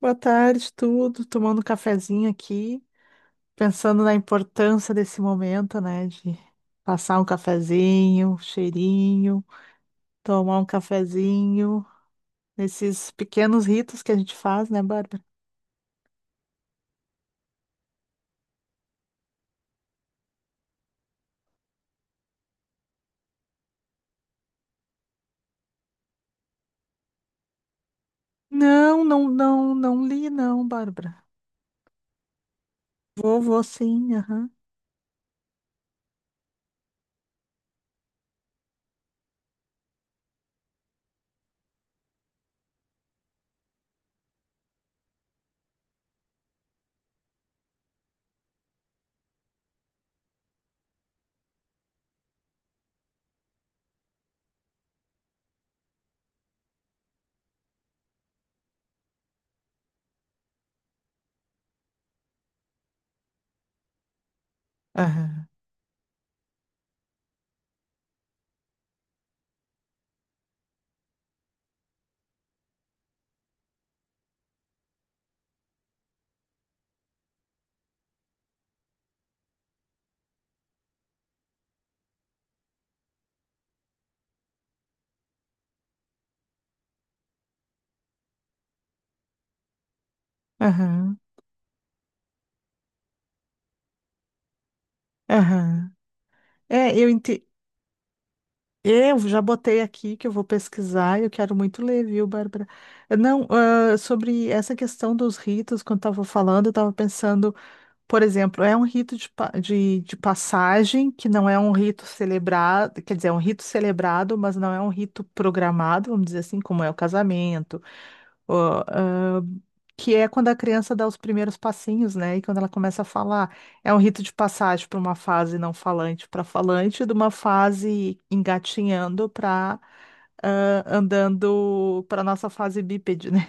Boa tarde, tudo. Tomando um cafezinho aqui, pensando na importância desse momento, né? De passar um cafezinho, um cheirinho, tomar um cafezinho, esses pequenos ritos que a gente faz, né, Bárbara? Não, não, li, não, Bárbara. Vou, vou sim, aham. Aham, aham, aham. É, Eu já botei aqui que eu vou pesquisar, eu quero muito ler, viu, Bárbara? Não, ah, sobre essa questão dos ritos, quando estava falando, eu estava pensando, por exemplo, é um rito de passagem, que não é um rito celebrado, quer dizer, é um rito celebrado, mas não é um rito programado, vamos dizer assim, como é o casamento, que é quando a criança dá os primeiros passinhos, né? E quando ela começa a falar, é um rito de passagem para uma fase não falante para falante, de uma fase engatinhando para andando, para nossa fase bípede, né?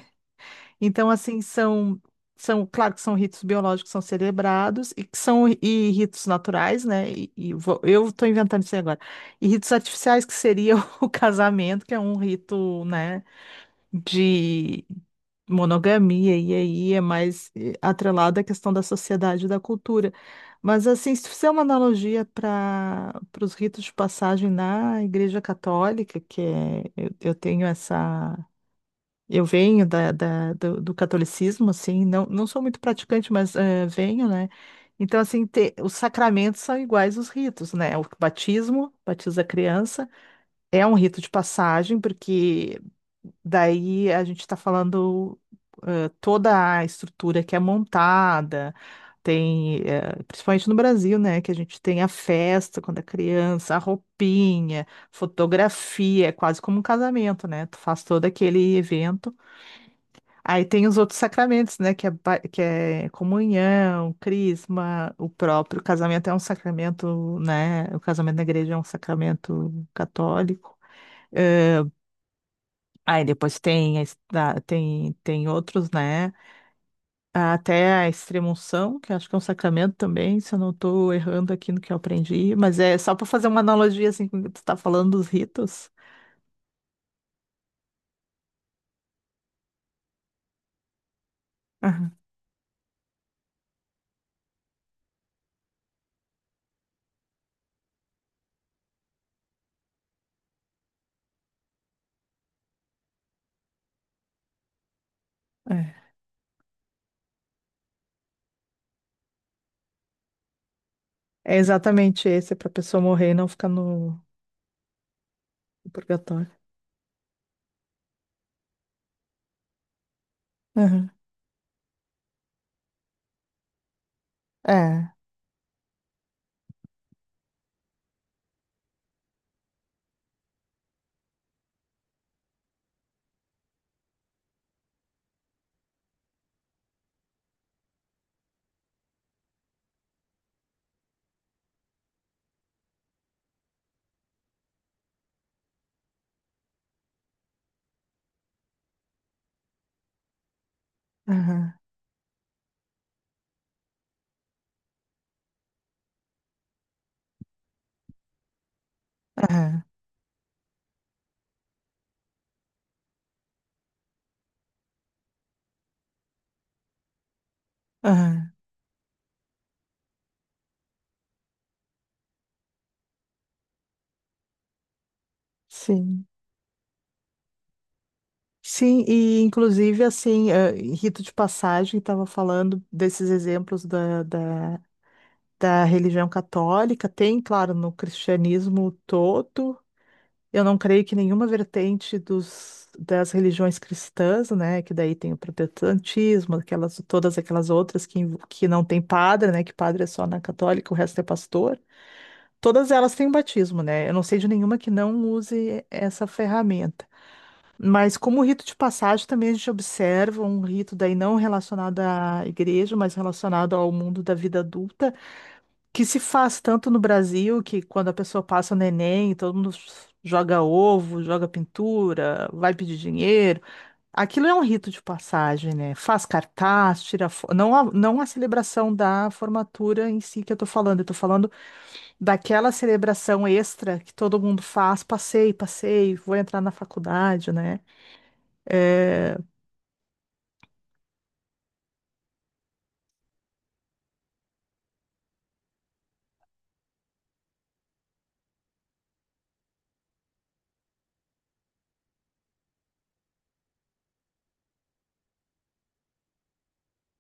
Então, assim, são, claro que são ritos biológicos que são celebrados e que são e ritos naturais, né? E eu estou inventando isso aí agora. E ritos artificiais que seria o casamento, que é um rito, né? De monogamia, e aí é mais atrelado à questão da sociedade e da cultura. Mas, assim, se fizer uma analogia para os ritos de passagem na Igreja Católica, que é, eu tenho essa. Eu venho do catolicismo, assim, não, não sou muito praticante, mas venho, né? Então, assim, os sacramentos são iguais os ritos, né? O batismo, batiza a criança. É um rito de passagem, porque daí a gente está falando toda a estrutura que é montada, tem, principalmente no Brasil, né, que a gente tem a festa quando é criança, a roupinha, fotografia, é quase como um casamento, né? Tu faz todo aquele evento. Aí tem os outros sacramentos, né, que é comunhão, crisma, o próprio casamento é um sacramento, né? O casamento na igreja é um sacramento católico. Eh, Aí depois tem, a es- da- tem, tem outros, né? Até a extrema-unção, que acho que é um sacramento também, se eu não estou errando aqui no que eu aprendi, mas é só para fazer uma analogia assim, quando tu está falando dos ritos. Aham, é, é exatamente esse, para a pessoa morrer e não ficar no purgatório. Aham, é, aham, aham, aham, sim. Sim, e inclusive assim, em rito de passagem, estava falando desses exemplos da religião católica, tem, claro, no cristianismo todo. Eu não creio que nenhuma vertente das religiões cristãs, né, que daí tem o protestantismo, aquelas, todas aquelas outras que não tem padre, né, que padre é só na católica, o resto é pastor. Todas elas têm batismo, né? Eu não sei de nenhuma que não use essa ferramenta. Mas como rito de passagem, também a gente observa um rito daí não relacionado à igreja, mas relacionado ao mundo da vida adulta, que se faz tanto no Brasil, que quando a pessoa passa o neném, todo mundo joga ovo, joga pintura, vai pedir dinheiro. Aquilo é um rito de passagem, né? Faz cartaz, tira foto. Não a celebração da formatura em si que eu tô falando daquela celebração extra que todo mundo faz, passei, passei, vou entrar na faculdade, né? É,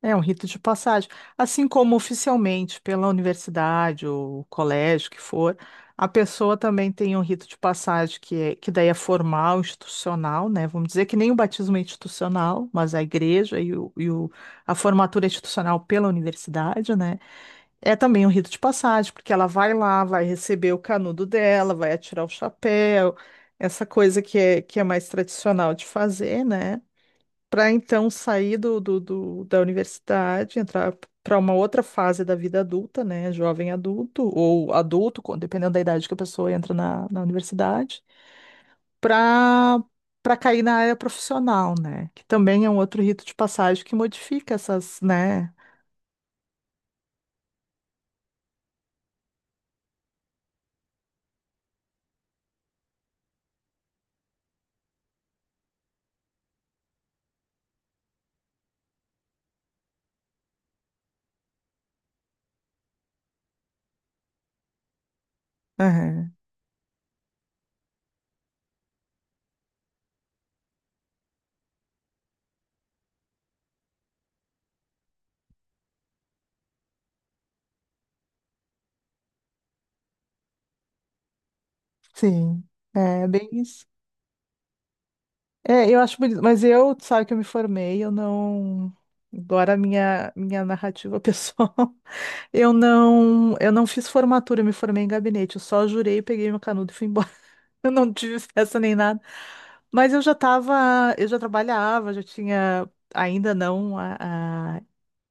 é um rito de passagem. Assim como oficialmente pela universidade ou colégio que for, a pessoa também tem um rito de passagem que, é, que daí é formal, institucional, né? Vamos dizer que nem o batismo é institucional, mas a igreja e a formatura é institucional pela universidade, né? É também um rito de passagem, porque ela vai lá, vai receber o canudo dela, vai atirar o chapéu, essa coisa que é mais tradicional de fazer, né? Para então sair da universidade, entrar para uma outra fase da vida adulta, né? Jovem adulto ou adulto, dependendo da idade que a pessoa entra na universidade, para para cair na área profissional, né? Que também é um outro rito de passagem que modifica essas, né? Aham, sim, é bem isso. É, eu acho bonito, mas eu, tu sabe que eu me formei, eu não. Agora a minha narrativa pessoal. Eu não fiz formatura, eu me formei em gabinete. Eu só jurei, peguei meu canudo e fui embora. Eu não tive festa nem nada. Mas eu já estava, eu já trabalhava, já tinha, ainda não a,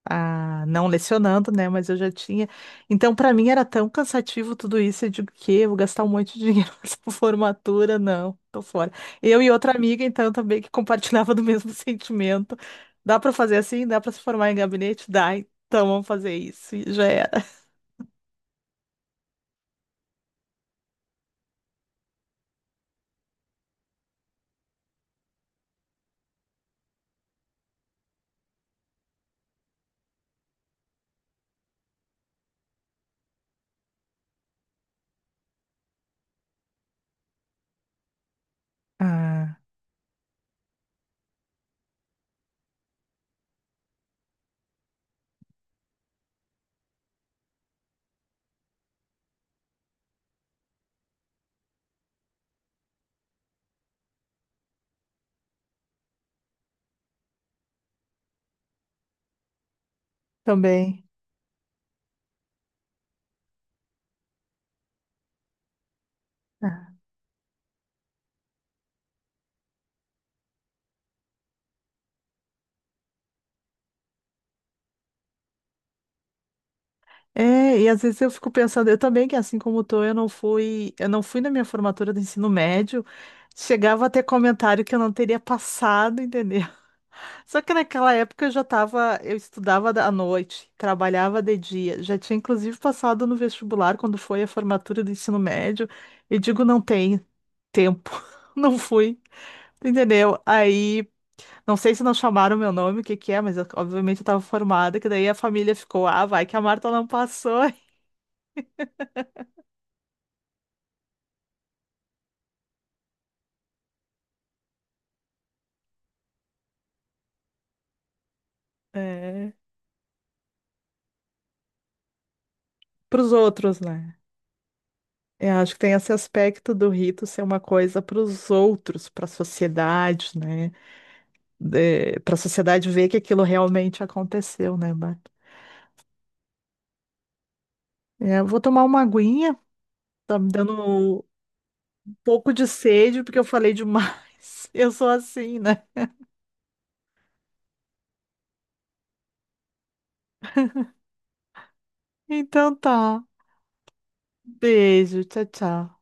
a, a- não lecionando, né? Mas eu já tinha. Então, para mim era tão cansativo tudo isso. Eu digo, que vou gastar um monte de dinheiro nessa formatura? Não, tô fora. Eu e outra amiga, então, também que compartilhava do mesmo sentimento. Dá para fazer assim? Dá para se formar em gabinete? Dá. Então vamos fazer isso. E já era. Ah, também. Ah, é, e às vezes eu fico pensando, eu também, que assim como tô, eu não fui na minha formatura do ensino médio, chegava a ter comentário que eu não teria passado, entendeu? Só que naquela época eu já tava, eu estudava à noite, trabalhava de dia, já tinha inclusive passado no vestibular quando foi a formatura do ensino médio, e digo, não tem tempo, não fui, entendeu? Aí, não sei se não chamaram meu nome, o que que é, obviamente eu tava formada, que daí a família ficou, ah, vai que a Marta não passou. É, pros outros, né? Eu acho que tem esse aspecto do rito ser uma coisa pros outros, pra sociedade, né? É, pra sociedade ver que aquilo realmente aconteceu, né, Marta? É, eu vou tomar uma aguinha, tá me dando um pouco de sede, porque eu falei demais. Eu sou assim, né? Então tá. Beijo, tchau, tchau.